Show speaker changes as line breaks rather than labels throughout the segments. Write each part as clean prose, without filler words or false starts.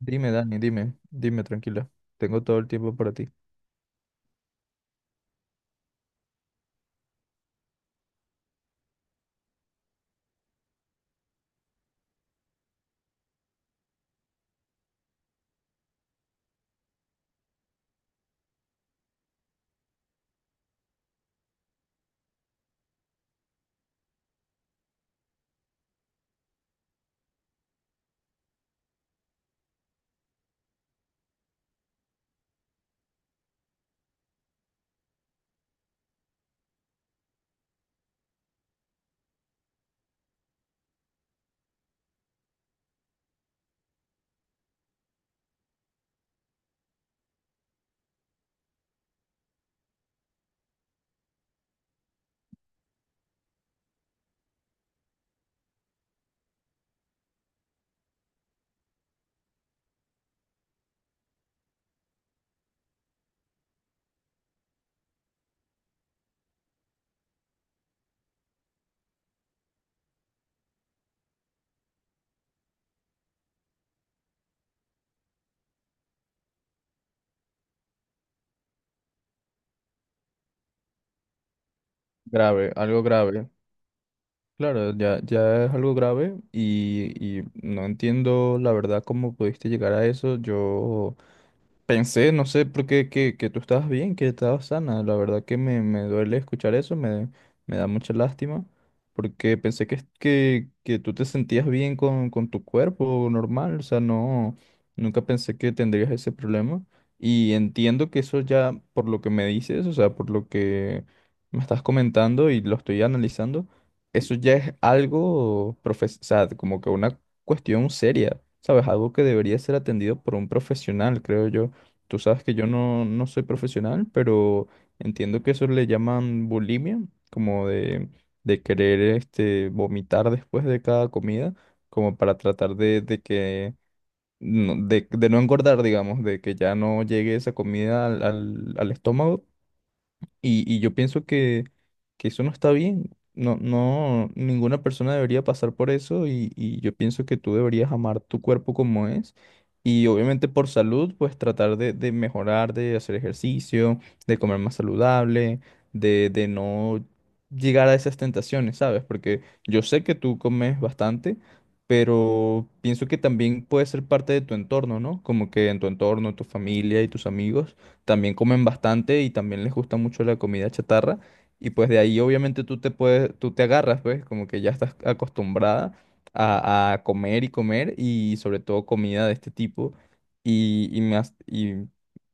Dime, Dani, dime, dime, tranquila. Tengo todo el tiempo para ti. Grave, algo grave. Claro, ya, ya es algo grave y no entiendo la verdad cómo pudiste llegar a eso. Yo pensé, no sé por qué, que tú estabas bien, que estabas sana. La verdad que me duele escuchar eso, me da mucha lástima, porque pensé que tú te sentías bien con tu cuerpo normal, o sea, no, nunca pensé que tendrías ese problema. Y entiendo que eso ya, por lo que me dices, o sea, por lo que me estás comentando y lo estoy analizando, eso ya es algo, profes o sea, como que una cuestión seria, ¿sabes? Algo que debería ser atendido por un profesional, creo yo. Tú sabes que yo no, no soy profesional, pero entiendo que eso le llaman bulimia, como de querer este, vomitar después de cada comida, como para tratar de que de no engordar, digamos, de que ya no llegue esa comida al, al estómago y yo pienso que eso no está bien. No, no, ninguna persona debería pasar por eso y yo pienso que tú deberías amar tu cuerpo como es y obviamente por salud pues tratar de mejorar, de hacer ejercicio, de comer más saludable, de no llegar a esas tentaciones, ¿sabes? Porque yo sé que tú comes bastante, pero pienso que también puede ser parte de tu entorno, ¿no? Como que en tu entorno, tu familia y tus amigos también comen bastante y también les gusta mucho la comida chatarra. Y pues de ahí obviamente tú te puedes, tú te agarras, pues como que ya estás acostumbrada a comer y comer y sobre todo comida de este tipo. O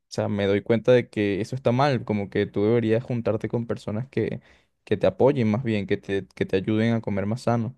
sea, me doy cuenta de que eso está mal, como que tú deberías juntarte con personas que te apoyen más bien, que te ayuden a comer más sano.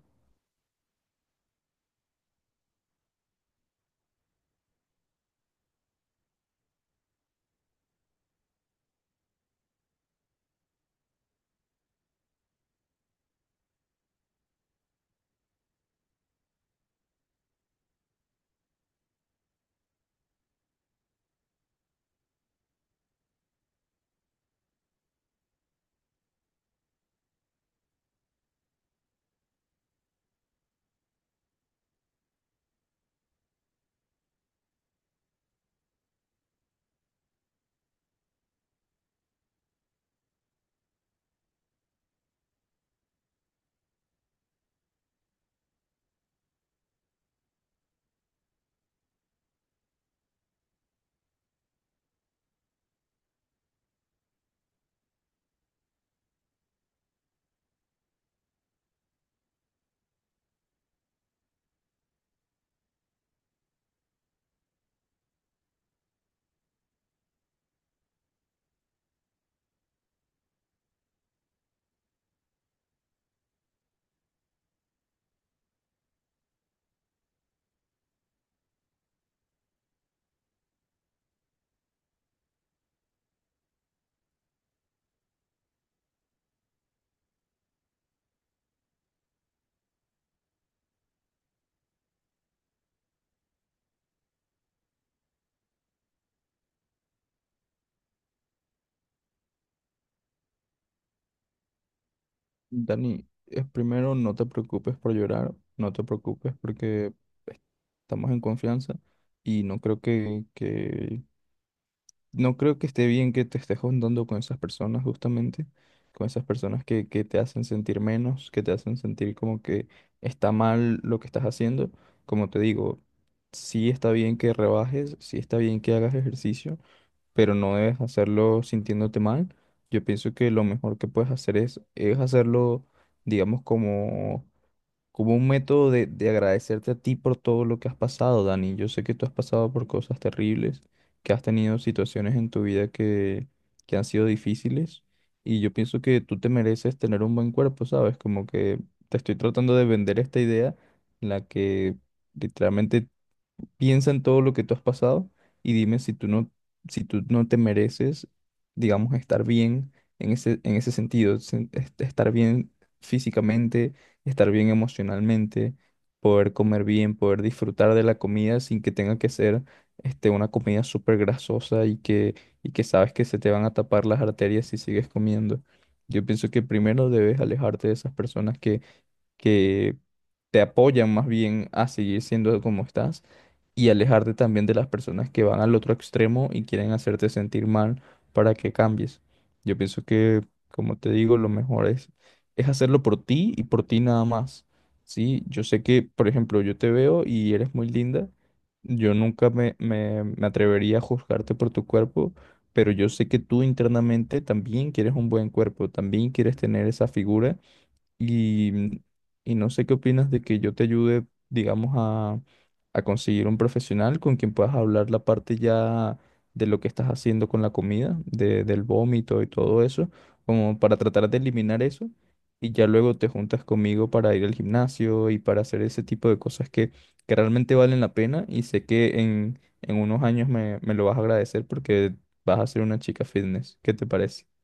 Dani, es primero no te preocupes por llorar, no te preocupes porque estamos en confianza y no creo que no creo que esté bien que te estés juntando con esas personas justamente, con esas personas que te hacen sentir menos, que te hacen sentir como que está mal lo que estás haciendo. Como te digo, sí está bien que rebajes, sí está bien que hagas ejercicio, pero no debes hacerlo sintiéndote mal. Yo pienso que lo mejor que puedes hacer es hacerlo, digamos, como un método de agradecerte a ti por todo lo que has pasado, Dani. Yo sé que tú has pasado por cosas terribles, que has tenido situaciones en tu vida que han sido difíciles y yo pienso que tú te mereces tener un buen cuerpo, ¿sabes? Como que te estoy tratando de vender esta idea en la que literalmente piensa en todo lo que tú has pasado y dime si tú no, si tú no te mereces, digamos, estar bien en ese sentido, estar bien físicamente, estar bien emocionalmente, poder comer bien, poder disfrutar de la comida sin que tenga que ser este, una comida súper grasosa y que sabes que se te van a tapar las arterias si sigues comiendo. Yo pienso que primero debes alejarte de esas personas que te apoyan más bien a seguir siendo como estás y alejarte también de las personas que van al otro extremo y quieren hacerte sentir mal para que cambies. Yo pienso que, como te digo, lo mejor es hacerlo por ti y por ti nada más. Sí, yo sé que, por ejemplo, yo te veo y eres muy linda. Yo nunca me atrevería a juzgarte por tu cuerpo, pero yo sé que tú internamente también quieres un buen cuerpo, también quieres tener esa figura y, y no sé qué opinas de que yo te ayude, digamos, a conseguir un profesional con quien puedas hablar la parte ya de lo que estás haciendo con la comida, del vómito y todo eso, como para tratar de eliminar eso. Y ya luego te juntas conmigo para ir al gimnasio y para hacer ese tipo de cosas que realmente valen la pena. Y sé que en unos años me lo vas a agradecer porque vas a ser una chica fitness. ¿Qué te parece?